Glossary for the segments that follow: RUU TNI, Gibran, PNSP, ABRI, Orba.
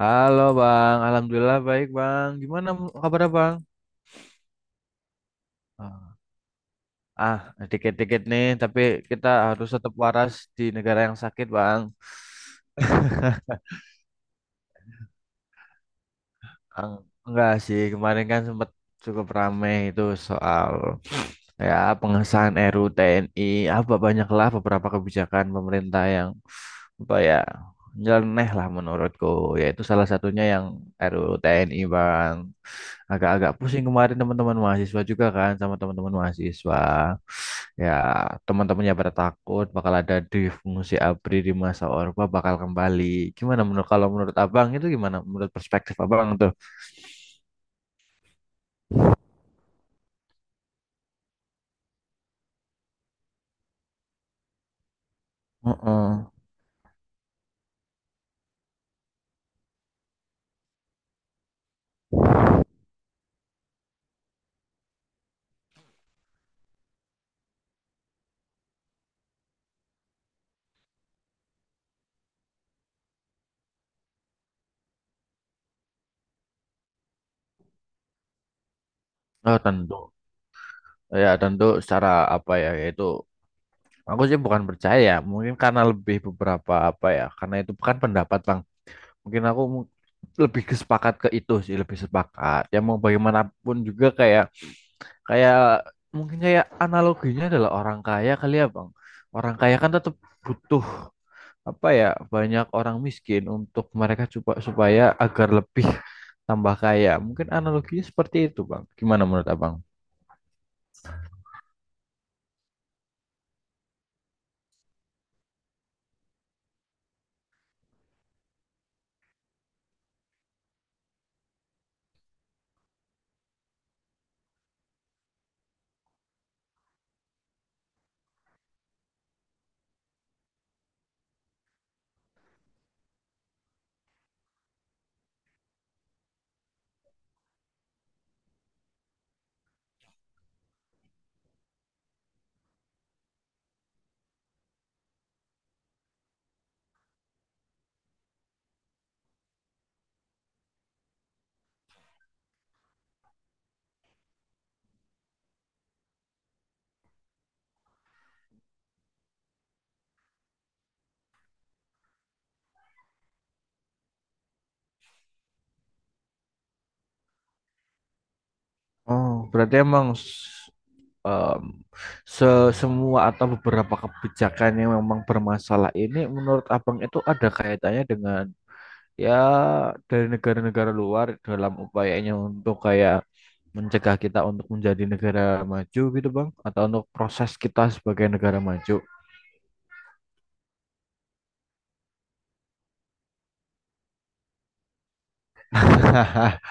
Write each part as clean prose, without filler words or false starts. Halo Bang, Alhamdulillah baik Bang. Gimana kabarnya Bang? Ah, ah, dikit-dikit nih, tapi kita harus tetap waras di negara yang sakit Bang. Enggak sih, kemarin kan sempat cukup ramai itu soal ya pengesahan RUU TNI, apa banyaklah beberapa kebijakan pemerintah yang apa ya nyeleneh lah menurutku, yaitu salah satunya yang RUU TNI bang. Agak-agak pusing kemarin teman-teman mahasiswa juga kan sama teman-teman mahasiswa. Ya teman-temannya pada takut bakal ada di fungsi ABRI di masa Orba bakal kembali. Gimana menurut kalau menurut abang itu gimana menurut perspektif abang tuh? Heeh. Oh, tentu. Ya, tentu secara apa ya, yaitu aku sih bukan percaya, ya. Mungkin karena lebih beberapa apa ya, karena itu bukan pendapat, Bang. Mungkin aku lebih kesepakat ke itu sih, lebih sepakat. Ya mau bagaimanapun juga kayak kayak mungkin kayak analoginya adalah orang kaya kali ya, Bang. Orang kaya kan tetap butuh apa ya, banyak orang miskin untuk mereka coba supaya agar lebih tambah kaya. Mungkin analoginya seperti itu, Bang. Gimana menurut Abang? Oh, berarti emang s- em, se semua atau beberapa kebijakan yang memang bermasalah ini menurut Abang itu ada kaitannya dengan ya dari negara-negara luar dalam upayanya untuk kayak mencegah kita untuk menjadi negara maju gitu Bang atau untuk proses kita sebagai negara maju.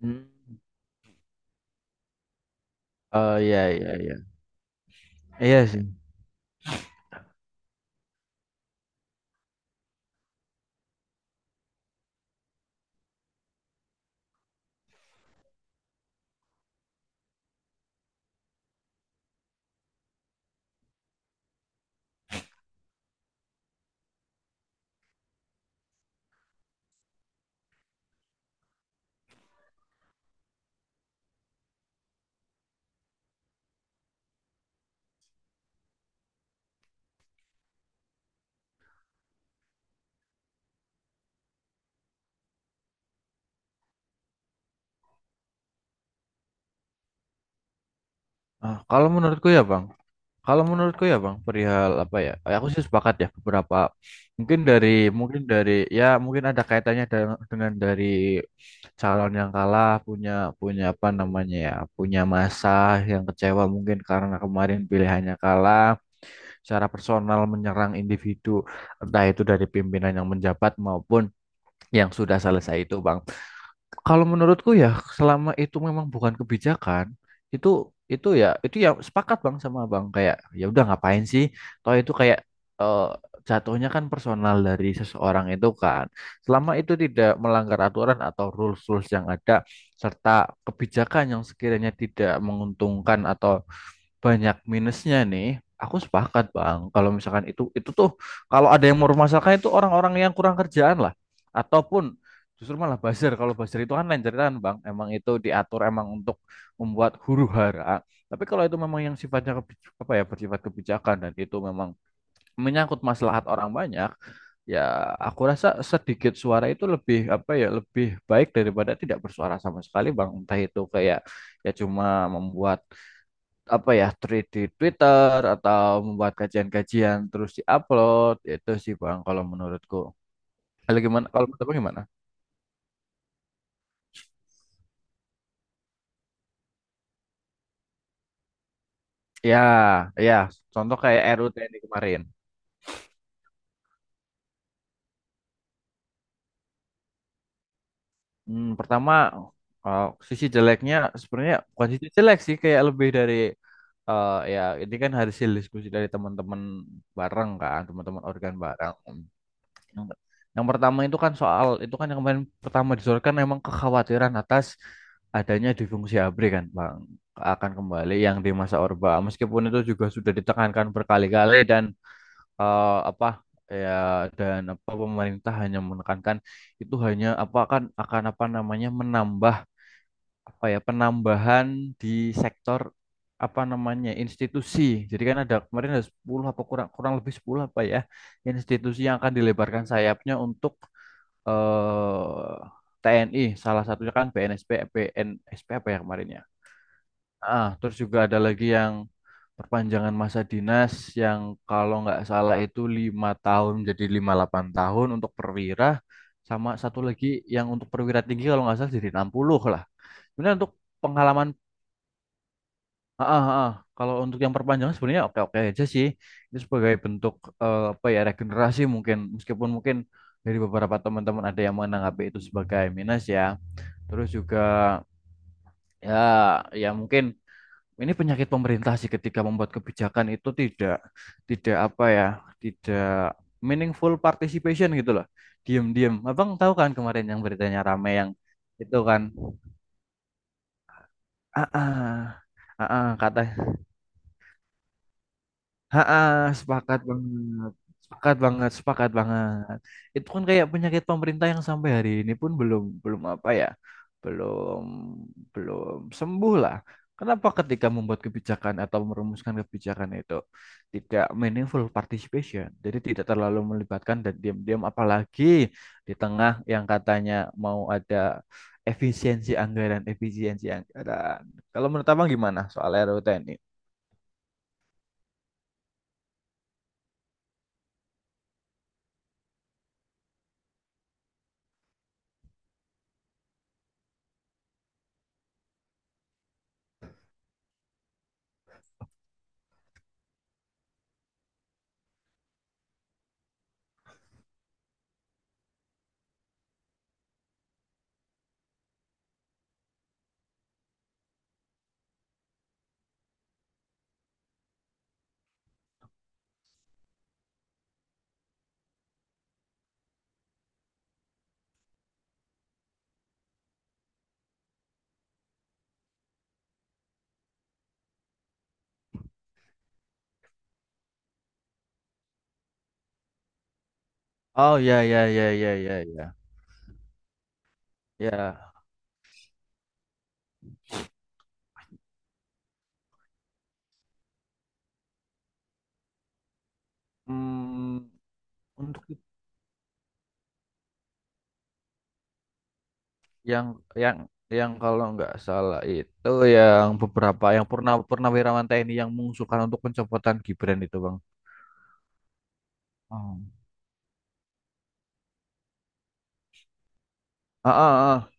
Hmm. Oh iya iya iya. Iya sih. Ah, kalau menurutku ya Bang, kalau menurutku ya Bang, perihal apa ya? Aku sih sepakat ya beberapa mungkin dari mungkin dari ya mungkin ada kaitannya dengan dari calon yang kalah punya punya apa namanya ya, punya masa yang kecewa mungkin karena kemarin pilihannya kalah, secara personal menyerang individu entah itu dari pimpinan yang menjabat maupun yang sudah selesai itu Bang. Kalau menurutku ya selama itu memang bukan kebijakan itu ya itu ya sepakat bang sama bang kayak ya udah ngapain sih toh itu kayak eh, jatuhnya kan personal dari seseorang itu kan selama itu tidak melanggar aturan atau rules rules yang ada serta kebijakan yang sekiranya tidak menguntungkan atau banyak minusnya nih. Aku sepakat, Bang. Kalau misalkan itu tuh kalau ada yang mempermasalahkan itu orang-orang yang kurang kerjaan lah ataupun justru malah buzzer. Kalau buzzer itu kan lain ceritaan, Bang. Emang itu diatur emang untuk membuat huru-hara. Tapi kalau itu memang yang sifatnya apa ya bersifat kebijakan dan itu memang menyangkut maslahat orang banyak, ya aku rasa sedikit suara itu lebih apa ya lebih baik daripada tidak bersuara sama sekali, Bang. Entah itu kayak ya cuma membuat apa ya tweet di Twitter atau membuat kajian-kajian terus diupload itu sih Bang kalau menurutku. Kalau gimana? Kalau menurut Abang gimana? Ya, ya. Contoh kayak RUU TNI kemarin. Hmm, pertama uh, sisi jeleknya sebenarnya bukan sisi jelek sih kayak lebih dari ya ini kan hasil diskusi dari teman-teman bareng kan, teman-teman organ bareng. Yang, yang pertama itu kan soal itu kan yang kemarin pertama disodorkan memang kekhawatiran atas adanya difungsi ABRI kan Bang akan kembali yang di masa Orba meskipun itu juga sudah ditekankan berkali-kali dan apa ya dan apa pemerintah hanya menekankan itu hanya apa akan apa namanya menambah apa ya penambahan di sektor apa namanya institusi. Jadi kan ada kemarin ada 10 apa kurang kurang lebih 10 apa ya institusi yang akan dilebarkan sayapnya untuk eh TNI salah satunya kan PNSP PNSP apa ya kemarin ya terus juga ada lagi yang perpanjangan masa dinas yang kalau nggak salah itu 5 tahun jadi 58 tahun untuk perwira sama satu lagi yang untuk perwira tinggi kalau nggak salah jadi 60 lah sebenarnya untuk pengalaman heeh. Kalau untuk yang perpanjangan sebenarnya oke-oke aja sih. Itu sebagai bentuk apa ya regenerasi mungkin meskipun mungkin dari beberapa teman-teman ada yang menanggapi itu sebagai minus ya. Terus juga ya ya mungkin ini penyakit pemerintah sih ketika membuat kebijakan itu tidak tidak apa ya, tidak meaningful participation gitu loh. Diam-diam. Abang tahu kan kemarin yang beritanya rame yang itu kan. Ah, ah, kata Ha, sepakat banget. Sepakat banget, sepakat banget. Itu kan kayak penyakit pemerintah yang sampai hari ini pun belum belum apa ya? Belum belum sembuh lah. Kenapa ketika membuat kebijakan atau merumuskan kebijakan itu tidak meaningful participation, jadi tidak terlalu melibatkan dan diam-diam apalagi di tengah yang katanya mau ada efisiensi anggaran, efisiensi anggaran. Kalau menurut Abang gimana soal RUU ini? Oh ya ya ya ya ya ya. Ya, mm, untuk yang yang kalau nggak salah itu yang beberapa yang purnawirawan TNI yang mengusulkan untuk pencopotan Gibran itu, Bang. Oh. Ah, ah,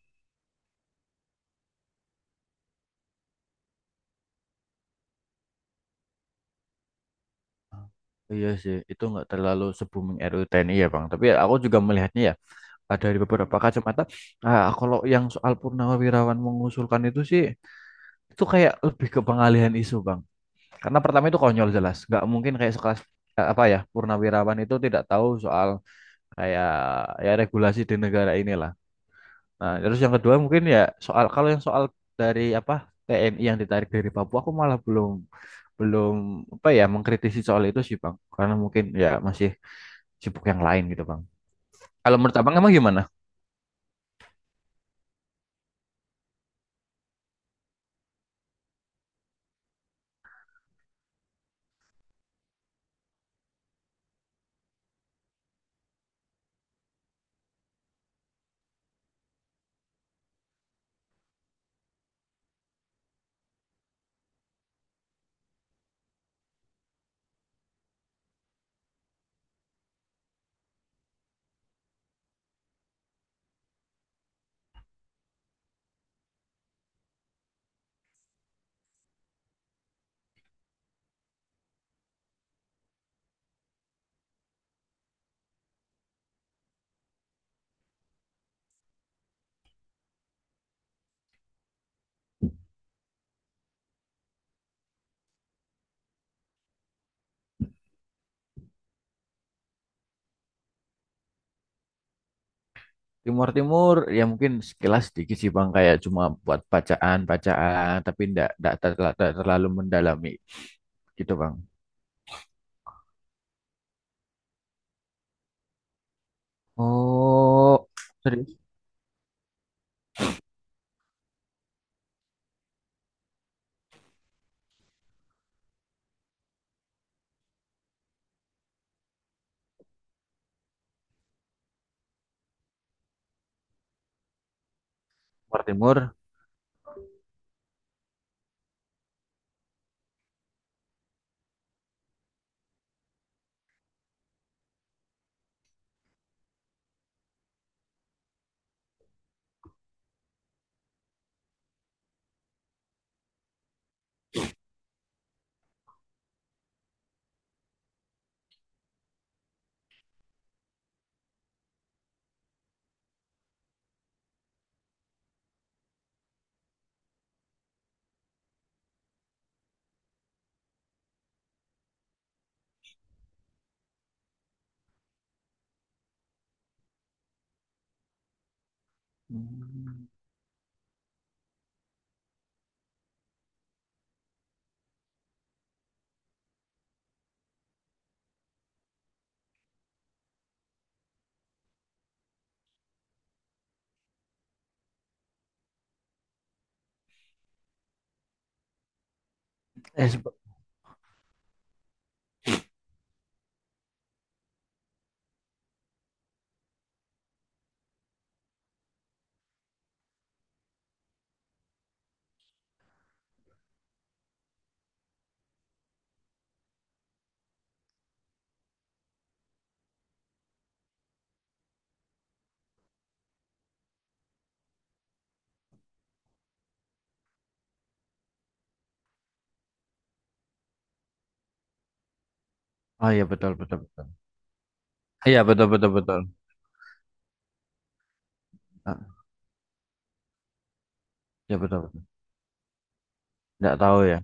ah. Iya sih, itu nggak terlalu se-booming RUU TNI ya Bang. Tapi ya aku juga melihatnya ya, ada dari beberapa kacamata, kalau yang soal purnawirawan mengusulkan itu sih, itu kayak lebih ke pengalihan isu Bang. Karena pertama itu konyol jelas, nggak mungkin kayak sekelas apa ya purnawirawan itu tidak tahu soal kayak ya regulasi di negara inilah. Nah, terus yang kedua mungkin ya soal kalau yang soal dari apa TNI yang ditarik dari Papua aku malah belum belum apa ya mengkritisi soal itu sih Bang. Karena mungkin ya masih sibuk yang lain gitu Bang. Kalau menurut Abang emang gimana? Timur Timur ya mungkin sekilas sedikit sih Bang kayak cuma buat bacaan-bacaan tapi ndak ndak terla- ndak terlalu mendalami gitu Bang. Oh, serius Timur Timur. Hmm. Eh, sebe- oh iya betul betul. Iya betul betul betul. Ah, Iya betul betul. Nggak tahu ya.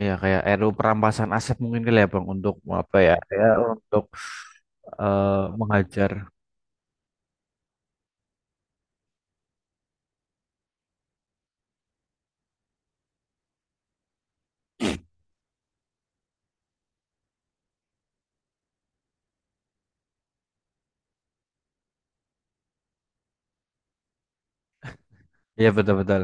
Iya kayak RU perampasan aset mungkin kali ya bang untuk apa ya? Ya untuk eh, menghajar. Iya betul betul.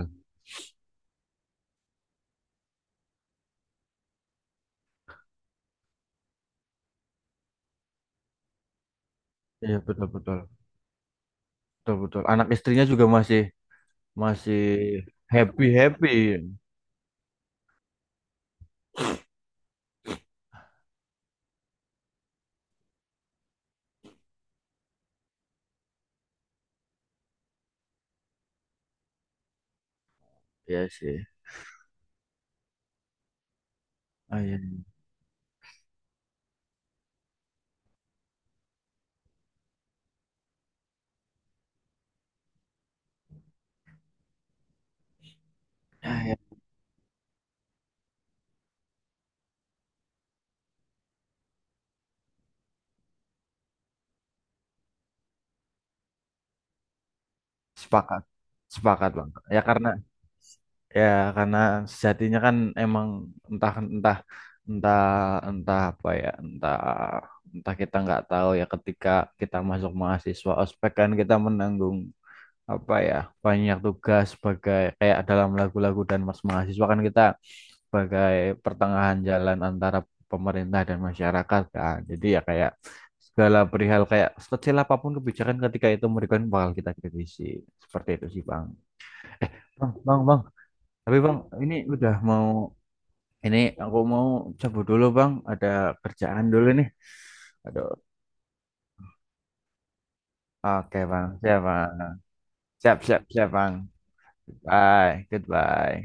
Iya betul betul. Betul betul. Anak istrinya juga masih masih happy happy. Iya sih. Iya. Ya sepakat, sepakat bang. Ya karena ya karena sejatinya kan emang entah entah entah entah apa ya entah entah kita nggak tahu ya ketika kita masuk mahasiswa ospek kan kita menanggung apa ya banyak tugas sebagai kayak dalam lagu-lagu dan mas mahasiswa kan kita sebagai pertengahan jalan antara pemerintah dan masyarakat kan jadi ya kayak segala perihal kayak sekecil apapun kebijakan ketika itu mereka bakal kita kritisi seperti itu sih bang bang bang bang tapi bang ini udah mau ini aku mau cabut dulu bang ada kerjaan dulu nih aduh oke bang siap siap siap bang bye goodbye